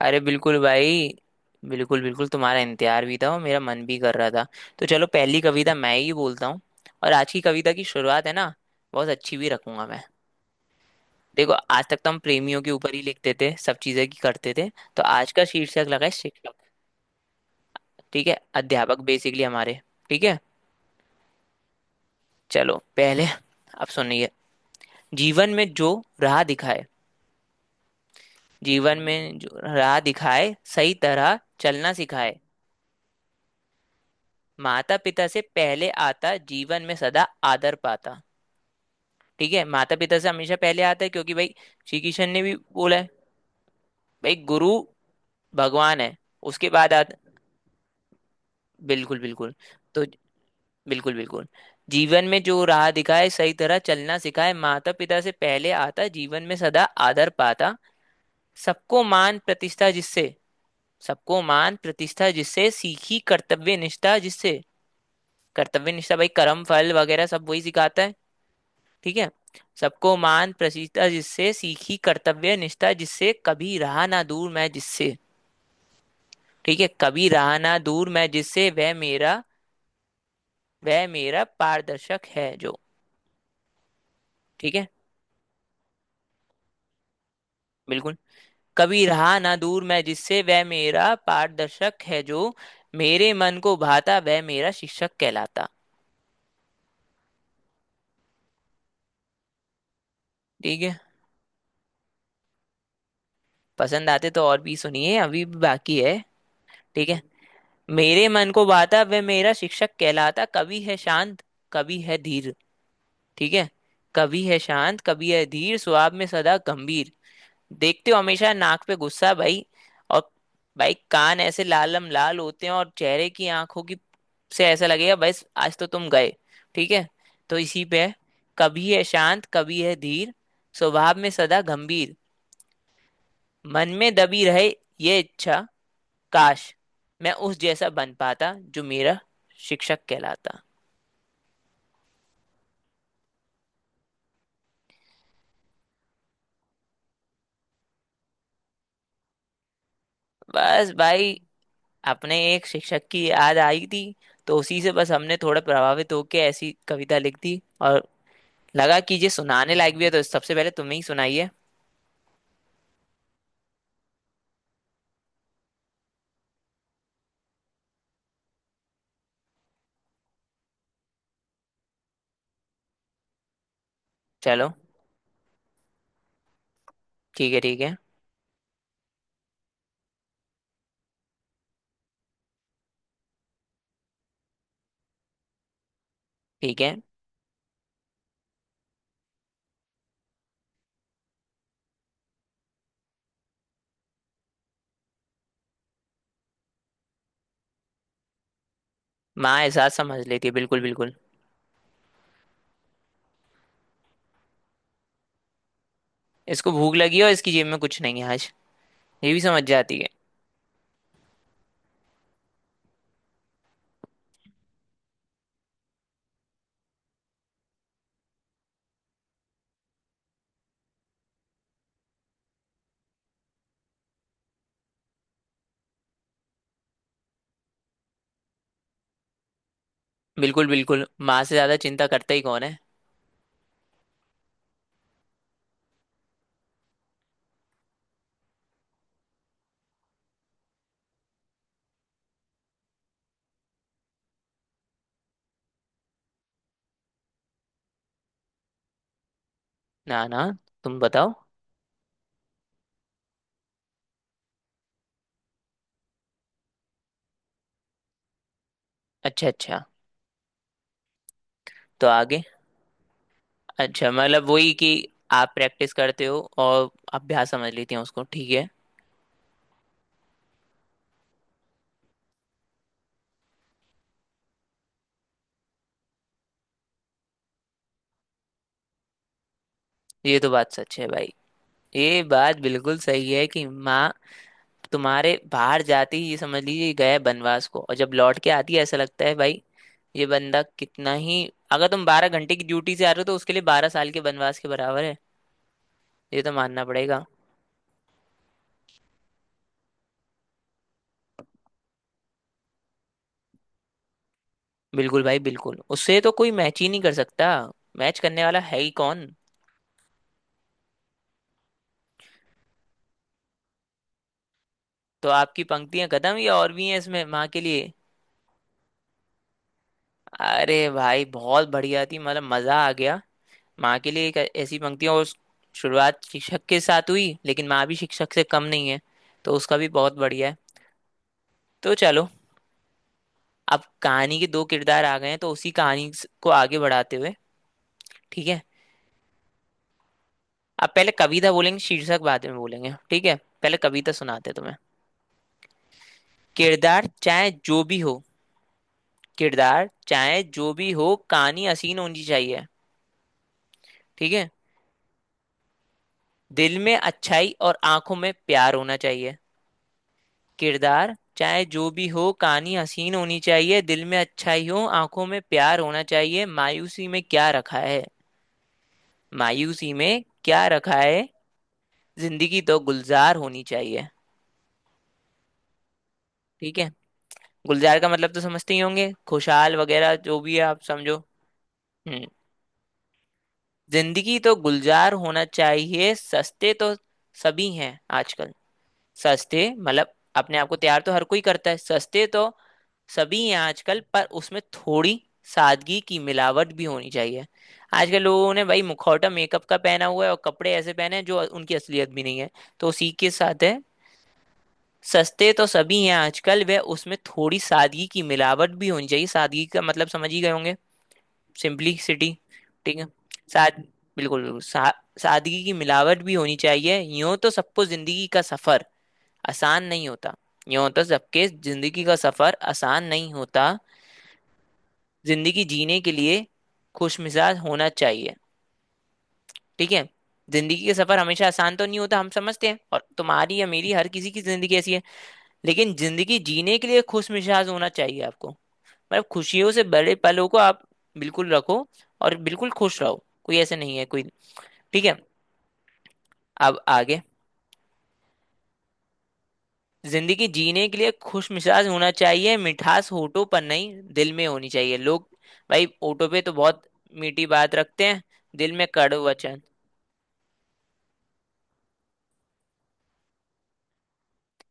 अरे बिल्कुल भाई। बिल्कुल बिल्कुल, तुम्हारा इंतजार भी था और मेरा मन भी कर रहा था। तो चलो पहली कविता मैं ही बोलता हूँ। और आज की कविता की शुरुआत है ना, बहुत अच्छी भी रखूंगा मैं। देखो आज तक तो हम प्रेमियों के ऊपर ही लिखते थे, सब चीजें की करते थे। तो आज का शीर्षक लगा है शिक्षक। ठीक है, अध्यापक बेसिकली हमारे। ठीक है, चलो पहले अब सुनिए। जीवन में जो राह दिखाए, जीवन में जो राह दिखाए सही तरह चलना सिखाए, माता पिता से पहले आता, जीवन में सदा आदर पाता। ठीक है, माता पिता से हमेशा पहले आता है क्योंकि भाई श्री कृष्ण ने भी बोला है। भाई गुरु भगवान है, उसके बाद आता। बिल्कुल बिल्कुल। तो बिल्कुल बिल्कुल। जीवन में जो राह दिखाए सही तरह चलना सिखाए, माता पिता से पहले आता, जीवन में सदा आदर पाता। सबको मान प्रतिष्ठा जिससे, सबको मान प्रतिष्ठा जिससे, सीखी कर्तव्य निष्ठा जिससे। कर्तव्य निष्ठा भाई, कर्म फल वगैरह सब वही सिखाता है। ठीक है। सबको मान प्रसीता जिससे, सीखी कर्तव्य निष्ठा जिससे, कभी रहा ना दूर मैं जिससे। ठीक है, कभी रहा ना दूर मैं जिससे, वह मेरा, वह मेरा पारदर्शक है जो। ठीक है। बिल्कुल। कभी रहा ना दूर मैं जिससे, वह मेरा पारदर्शक है जो मेरे मन को भाता, वह मेरा शिक्षक कहलाता। ठीक है, पसंद आते तो और भी सुनिए, अभी भी बाकी है। ठीक है। मेरे मन को भाता वह मेरा शिक्षक कहलाता, कभी है शांत कभी है धीर। ठीक है। कभी है शांत कभी है धीर, स्वभाव में सदा गंभीर। देखते हो, हमेशा नाक पे गुस्सा भाई। और भाई कान ऐसे लालम लाल होते हैं और चेहरे की आंखों की से ऐसा लगेगा बस आज तो तुम गए। ठीक है, तो इसी पे है। कभी है शांत कभी है धीर, स्वभाव में सदा गंभीर, मन में दबी रहे ये इच्छा, काश मैं उस जैसा बन पाता जो मेरा शिक्षक कहलाता। बस भाई, अपने एक शिक्षक की याद आई थी, तो उसी से बस हमने थोड़ा प्रभावित होकर ऐसी कविता लिख दी। और लगा कि ये सुनाने लायक भी है तो सबसे पहले तुम ही सुनाइए। चलो। ठीक है ठीक है। ठीक है, माँ एहसास समझ लेती है, बिल्कुल बिल्कुल। इसको भूख लगी है और इसकी जेब में कुछ नहीं है आज, ये भी समझ जाती है। बिल्कुल बिल्कुल, माँ से ज्यादा चिंता करता ही कौन है। ना ना, तुम बताओ। अच्छा अच्छा। तो आगे? अच्छा मतलब वही कि आप प्रैक्टिस करते हो और अभ्यास समझ लेती हैं उसको। ठीक है। ये तो बात सच है भाई, ये बात बिल्कुल सही है कि माँ, तुम्हारे बाहर जाती ही ये समझ लीजिए गए बनवास को, और जब लौट के आती है ऐसा लगता है भाई ये बंदा कितना ही। अगर तुम बारह घंटे की ड्यूटी से आ रहे हो तो उसके लिए बारह साल के बनवास के बराबर है। ये तो मानना पड़ेगा। बिल्कुल भाई बिल्कुल, उससे तो कोई मैच ही नहीं कर सकता, मैच करने वाला है ही कौन। तो आपकी पंक्तियां खत्म या और भी हैं इसमें माँ के लिए? अरे भाई बहुत बढ़िया थी, मतलब मजा आ गया। माँ के लिए एक ऐसी पंक्तियाँ और, शुरुआत शिक्षक के साथ हुई लेकिन माँ भी शिक्षक से कम नहीं है, तो उसका भी बहुत बढ़िया है। तो चलो, अब कहानी के दो किरदार आ गए हैं तो उसी कहानी को आगे बढ़ाते हुए, ठीक है, अब पहले कविता बोलेंगे शीर्षक बाद में बोलेंगे, ठीक है, पहले कविता सुनाते हैं तुम्हें। किरदार चाहे जो भी हो, किरदार चाहे जो भी हो कहानी हसीन होनी चाहिए। ठीक है। दिल में अच्छाई और आंखों में प्यार होना चाहिए। किरदार चाहे जो भी हो कहानी हसीन होनी चाहिए, दिल में अच्छाई हो आंखों में प्यार होना चाहिए, मायूसी में क्या रखा है, मायूसी में क्या रखा है, जिंदगी तो गुलजार होनी चाहिए। ठीक है। गुलजार का मतलब तो समझते ही होंगे, खुशहाल वगैरह जो भी है आप समझो। हम्म। जिंदगी तो गुलजार होना चाहिए, सस्ते तो सभी हैं आजकल। सस्ते मतलब अपने आप को तैयार तो हर कोई करता है। सस्ते तो सभी हैं आजकल, पर उसमें थोड़ी सादगी की मिलावट भी होनी चाहिए। आजकल लोगों ने भाई मुखौटा मेकअप का पहना हुआ है, और कपड़े ऐसे पहने हैं जो उनकी असलियत भी नहीं है। तो उसी के साथ है। सस्ते तो सभी हैं आजकल, वे उसमें थोड़ी सादगी की मिलावट भी होनी चाहिए। सादगी का मतलब समझ ही गए होंगे, सिंपलिसिटी। ठीक है। साद बिल्कुल बिल्कुल, सादगी की मिलावट भी होनी चाहिए। यूं तो सबको जिंदगी का सफर आसान नहीं होता, ये होता सबके जिंदगी का सफर आसान नहीं होता, जिंदगी जीने के लिए खुश मिजाज होना चाहिए। ठीक है। जिंदगी का सफर हमेशा आसान तो नहीं होता, हम समझते हैं, और तुम्हारी या मेरी हर किसी की जिंदगी ऐसी है। लेकिन जिंदगी जीने के लिए खुश मिजाज होना चाहिए आपको, मतलब खुशियों से बड़े पलों को आप बिल्कुल रखो और बिल्कुल खुश रहो, कोई ऐसे नहीं है कोई। ठीक है, अब आगे। जिंदगी जीने के लिए खुश मिजाज होना चाहिए, मिठास होठों पर नहीं दिल में होनी चाहिए। लोग भाई होठों पे तो बहुत मीठी बात रखते हैं, दिल में कड़वा वचन।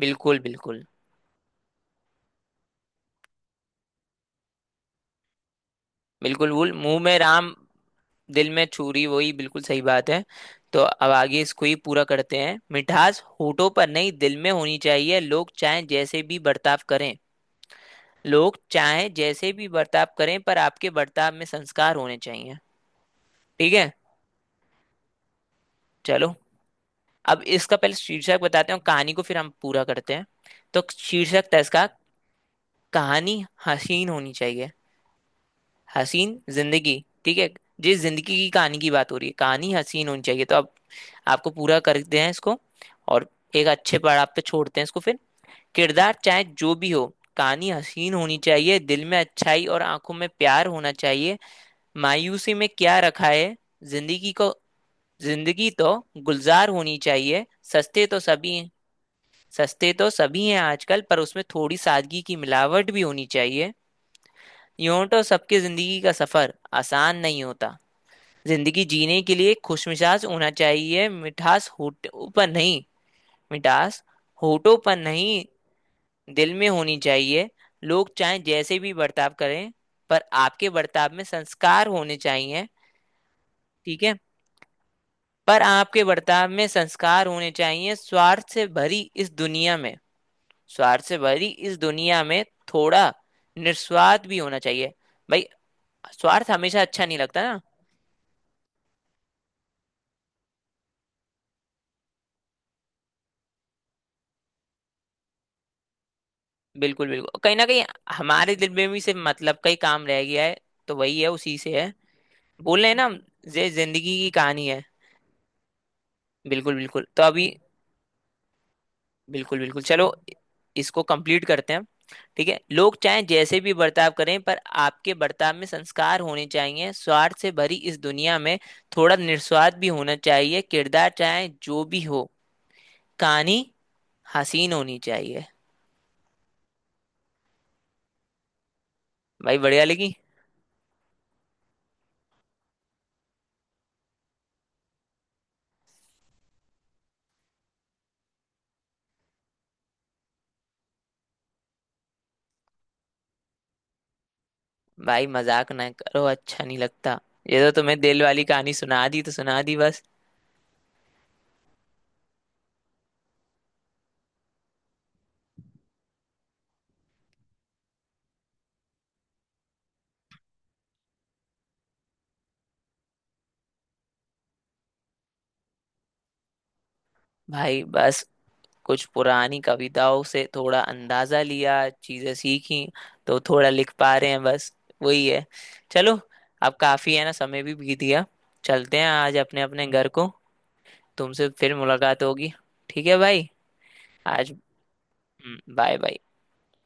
बिल्कुल बिल्कुल। बिल्कुल भूल, मुंह में राम दिल में छुरी, वही बिल्कुल सही बात है। तो अब आगे इसको ही पूरा करते हैं। मिठास होठों पर नहीं दिल में होनी चाहिए, लोग चाहे जैसे भी बर्ताव करें, लोग चाहे जैसे भी बर्ताव करें पर आपके बर्ताव में संस्कार होने चाहिए। ठीक है। चलो, अब इसका पहले शीर्षक बताते हैं और कहानी को फिर हम पूरा करते हैं। तो शीर्षक था इसका, कहानी हसीन होनी चाहिए, हसीन जिंदगी। ठीक है, जिस जिंदगी की कहानी की बात हो रही है, कहानी हसीन होनी चाहिए। तो अब आपको पूरा करते हैं इसको, और एक अच्छे पड़ाव पे छोड़ते हैं इसको फिर। किरदार चाहे जो भी हो कहानी हसीन होनी चाहिए, दिल में अच्छाई और आंखों में प्यार होना चाहिए, मायूसी में क्या रखा है, जिंदगी को, जिंदगी तो गुलजार होनी चाहिए, सस्ते तो सभी सस्ते तो सभी हैं आजकल, पर उसमें थोड़ी सादगी की मिलावट भी होनी चाहिए, यूं तो सबकी जिंदगी का सफर आसान नहीं होता, जिंदगी जीने के लिए खुशमिजाज होना चाहिए, मिठास होठों पर नहीं दिल में होनी चाहिए, लोग चाहे जैसे भी बर्ताव करें पर आपके बर्ताव में संस्कार होने चाहिए। ठीक है। पर आपके बर्ताव में संस्कार होने चाहिए, इस दुनिया में स्वार्थ से भरी इस दुनिया में थोड़ा निस्वार्थ भी होना चाहिए भाई, स्वार्थ हमेशा अच्छा नहीं लगता ना। बिल्कुल बिल्कुल, कहीं ना कहीं हमारे दिल में भी सिर्फ मतलब का ही काम रह गया है, तो वही है उसी से है। बोल रहे हैं ना हम, ये जिंदगी की कहानी है। बिल्कुल बिल्कुल, तो अभी बिल्कुल बिल्कुल, चलो इसको कंप्लीट करते हैं। ठीक है, लोग चाहे जैसे भी बर्ताव करें पर आपके बर्ताव में संस्कार होने चाहिए, स्वार्थ से भरी इस दुनिया में थोड़ा निस्वार्थ भी होना चाहिए, किरदार चाहे जो भी हो कहानी हसीन होनी चाहिए। भाई बढ़िया लगी। भाई मजाक ना करो, अच्छा नहीं लगता। ये तो तुम्हें दिल वाली कहानी सुना दी तो सुना दी बस। भाई बस कुछ पुरानी कविताओं से थोड़ा अंदाजा लिया, चीजें सीखी, तो थोड़ा लिख पा रहे हैं बस, वही है। चलो, अब काफी है ना, समय भी बीत गया, चलते हैं आज अपने अपने घर को, तुमसे फिर मुलाकात होगी। ठीक है भाई। आज, बाय बाय।